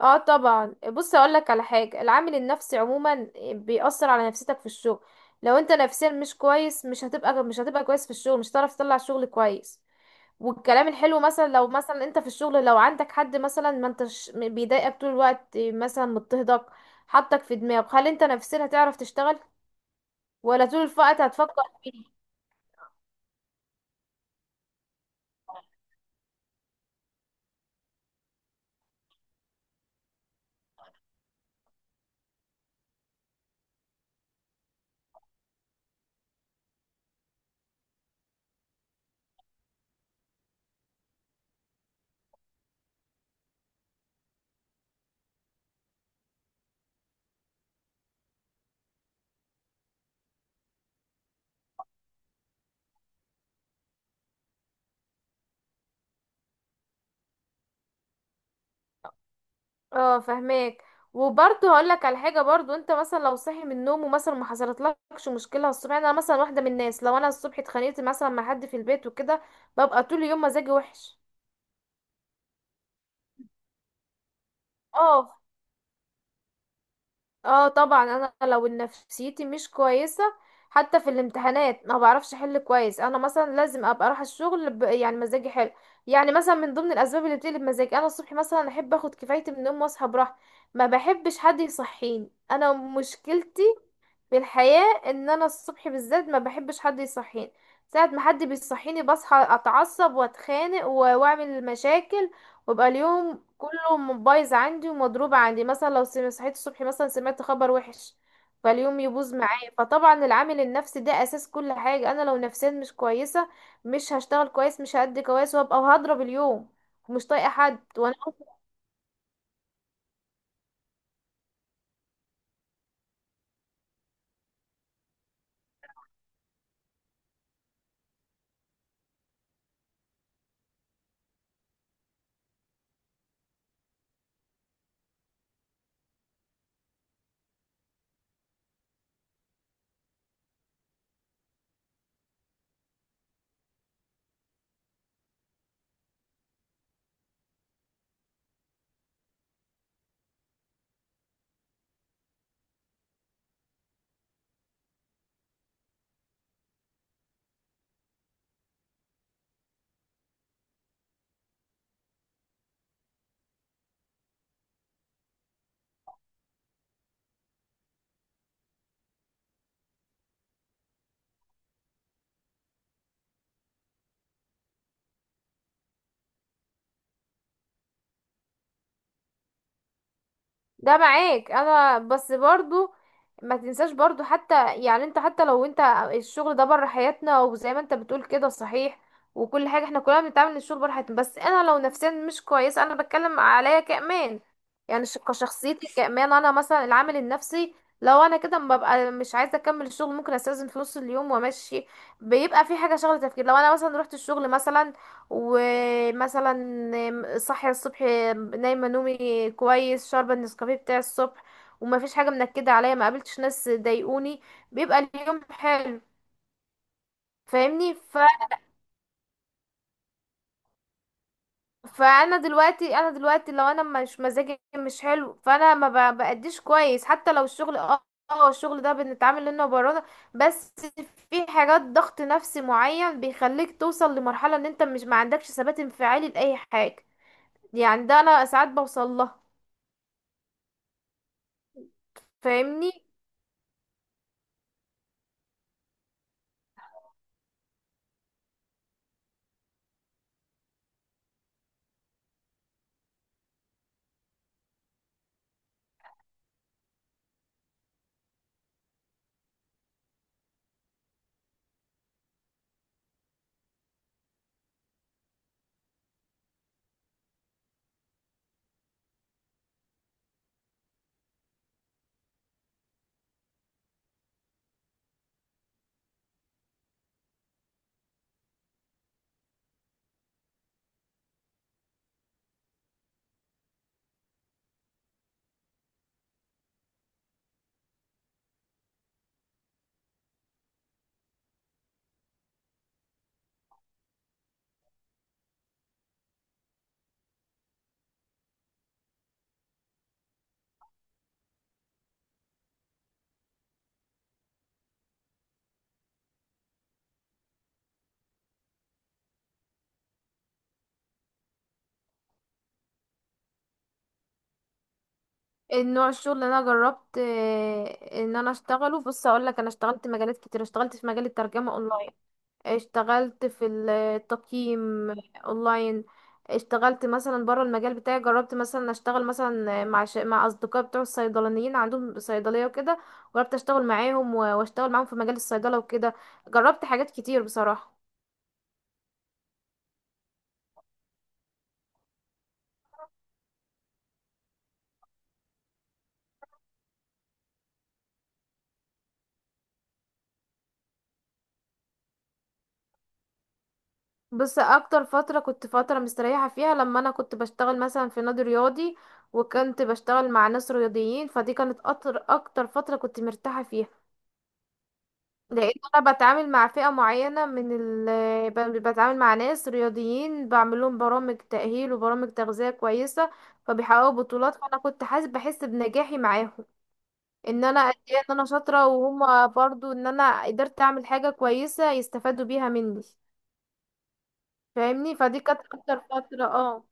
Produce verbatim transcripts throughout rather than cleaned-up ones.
اه طبعا، بص اقول لك على حاجه. العامل النفسي عموما بيأثر على نفسيتك في الشغل. لو انت نفسيا مش كويس، مش هتبقى مش هتبقى كويس في الشغل، مش هتعرف تطلع شغل كويس. والكلام الحلو، مثلا لو مثلا انت في الشغل، لو عندك حد مثلا، ما انتش م- بيضايقك طول الوقت، مثلا مضطهدك، حطك في دماغك، هل انت نفسيا هتعرف تشتغل، ولا طول الوقت هتفكر؟ اه، فهماك. وبرضه هقول لك على حاجه، برضه انت مثلا لو صاحي من النوم ومثلا ما حصلتلكش مشكله الصبح. يعني انا مثلا واحده من الناس، لو انا الصبح اتخانقت مثلا مع حد في البيت وكده، ببقى طول اليوم مزاجي وحش. اه، اه طبعا، انا لو نفسيتي مش كويسه، حتى في الامتحانات ما بعرفش احل كويس. انا مثلا لازم ابقى اروح الشغل ب... يعني مزاجي حلو. يعني مثلا من ضمن الاسباب اللي بتقلب مزاجي، انا الصبح مثلا احب اخد كفايتي من النوم واصحى براحتي. ما بحبش حد يصحيني، انا مشكلتي في الحياة ان انا الصبح بالذات ما بحبش حد يصحيني. ساعة ما حد بيصحيني بصحى اتعصب واتخانق و- واعمل مشاكل، ويبقى اليوم كله م- بايظ عندي ومضروب عندي. مثلا لو سم- صحيت الصبح مثلا سمعت خبر وحش، فاليوم يبوظ معايا. فطبعا العامل النفسي ده اساس كل حاجة. انا لو نفسيا مش كويسة، مش هشتغل كويس، مش هأدي كويس، وهبقى وهضرب اليوم، ومش طايقة حد. وانا ده معاك، انا بس برضو ما تنساش برضو. حتى يعني انت، حتى لو انت الشغل ده بره حياتنا، وزي ما انت بتقول كده، صحيح. وكل حاجة احنا كلنا بنتعامل إن الشغل بره حياتنا، بس انا لو نفسيا مش كويسة، انا بتكلم عليا كأمان، يعني ش- كشخصيتي كأمان. انا مثلا العامل النفسي، لو انا كده ما ببقى مش عايزة اكمل الشغل، ممكن استأذن في نص اليوم وامشي. بيبقى في حاجة شغلة تفكير. لو انا مثلا رحت الشغل مثلا، ومثلا صاحية الصبح، نايمة نومي كويس، شاربة النسكافيه بتاع الصبح، وما فيش حاجة منكدة عليا، ما قابلتش ناس ضايقوني، بيبقى اليوم حلو. فاهمني. ف... فانا دلوقتي، انا دلوقتي لو انا مش، مزاجي مش حلو، فانا ما ب- بأديش كويس. حتى لو الشغل، اه اه الشغل ده بنتعامل انه برا، بس في حاجات ضغط نفسي معين بيخليك توصل لمرحلة ان انت مش، ما عندكش ثبات انفعالي لأي حاجة. يعني ده انا ساعات بوصل لها. فاهمني. النوع الشغل اللي انا جربت، آه، ان انا اشتغله، بص اقول لك، انا اشتغلت مجالات كتير. اشتغلت في مجال الترجمة اونلاين، اشتغلت في ال- التقييم اونلاين. اشتغلت مثلا بره المجال بتاعي، جربت مثلا اشتغل مثلا مع ش... مع اصدقاء بتوع الصيدلانيين، عندهم صيدليه وكده. جربت اشتغل معاهم و- واشتغل معاهم في مجال الصيدله وكده. جربت حاجات كتير بصراحه. بص اكتر فترة كنت فترة مستريحة فيها، لما انا كنت بشتغل مثلا في نادي رياضي، وكنت بشتغل مع ناس رياضيين. فدي كانت اكتر اكتر فترة كنت مرتاحة فيها. لان انا بتعامل مع فئة معينة من ال ب- بتعامل مع ناس رياضيين، بعمل لهم برامج تأهيل وبرامج تغذية كويسة، فبيحققوا بطولات. فانا كنت حاسس بحس بنجاحي معاهم، ان انا قد ايه ان انا شاطرة، وهما برضو ان انا قدرت اعمل حاجة كويسة يستفادوا بيها مني. فاهمني. فدي كانت اكتر فترة، اه.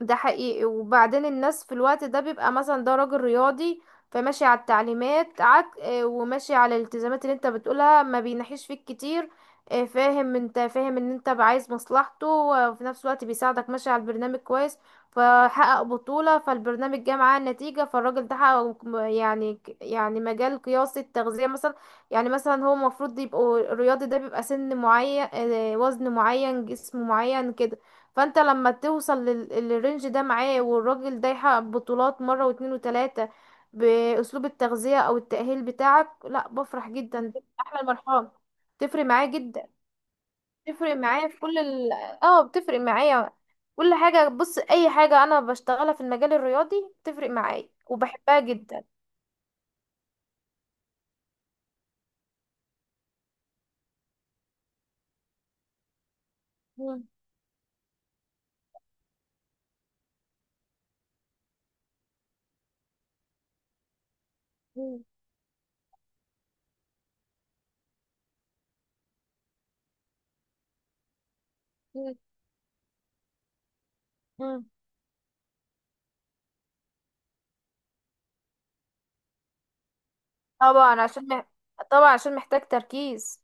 ده حقيقي. وبعدين الناس في الوقت ده بيبقى مثلا ده راجل رياضي، فماشي على التعليمات، عك آه، وماشي على الالتزامات اللي انت بتقولها، ما بينحيش فيك كتير. آه، فاهم، انت فاهم ان انت عايز مصلحته، وفي نفس الوقت بيساعدك، ماشي على البرنامج كويس، فحقق بطولة. فالبرنامج جه معاه النتيجة، فالراجل ده حقق م- يعني ك- يعني مجال قياسي، التغذية مثلا. يعني مثلا هو المفروض يبقوا الرياضي ده بيبقى سن معين، آه، وزن معين، جسم معين كده. فانت لما توصل لل- للرينج ده معاه، والراجل ده يحقق بطولات مرة واتنين وتلاتة بأسلوب التغذية او التأهيل بتاعك، لا بفرح جدا، دي احلى المرحلة. تفرق معايا جدا. تفرق معايا في كل ال... اه بتفرق معايا كل حاجة. بص اي حاجة انا بشتغلها في المجال الرياضي بتفرق معايا وبحبها جدا. مم. مم. مم. مم. طبعا عشان مح... طبعا عشان محتاج تركيز.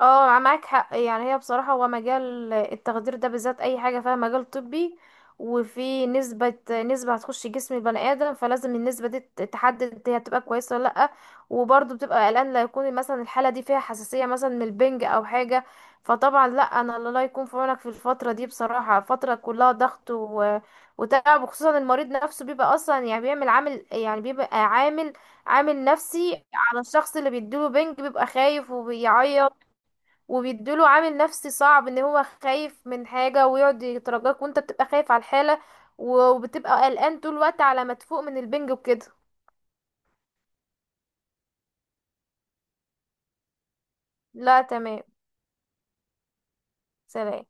اه معاك حق. يعني هي بصراحة، هو مجال التخدير ده بالذات، اي حاجة فيها مجال طبي وفي نسبة، نسبة هتخش جسم البني ادم، فلازم النسبة دي ت- تحدد هي هتبقى كويسة ولا لأ. وبرضه بتبقى قلقان لا يكون مثلا الحالة دي فيها حساسية مثلا من البنج او حاجة. فطبعا لأ، انا الله يكون في عونك في الفترة دي بصراحة، فترة كلها ضغط و... وتعب. وخصوصا المريض نفسه بيبقى اصلا يعني بيعمل عامل، يعني بيبقى عامل، عامل نفسي على الشخص اللي بيديله بنج، بيبقى خايف وبيعيط، وبيديله عامل نفسي صعب ان هو خايف من حاجة ويقعد يترجاك، وانت بتبقى خايف على الحالة، و- وبتبقى قلقان طول الوقت على ما تفوق من البنج وكده. لا تمام. سلام.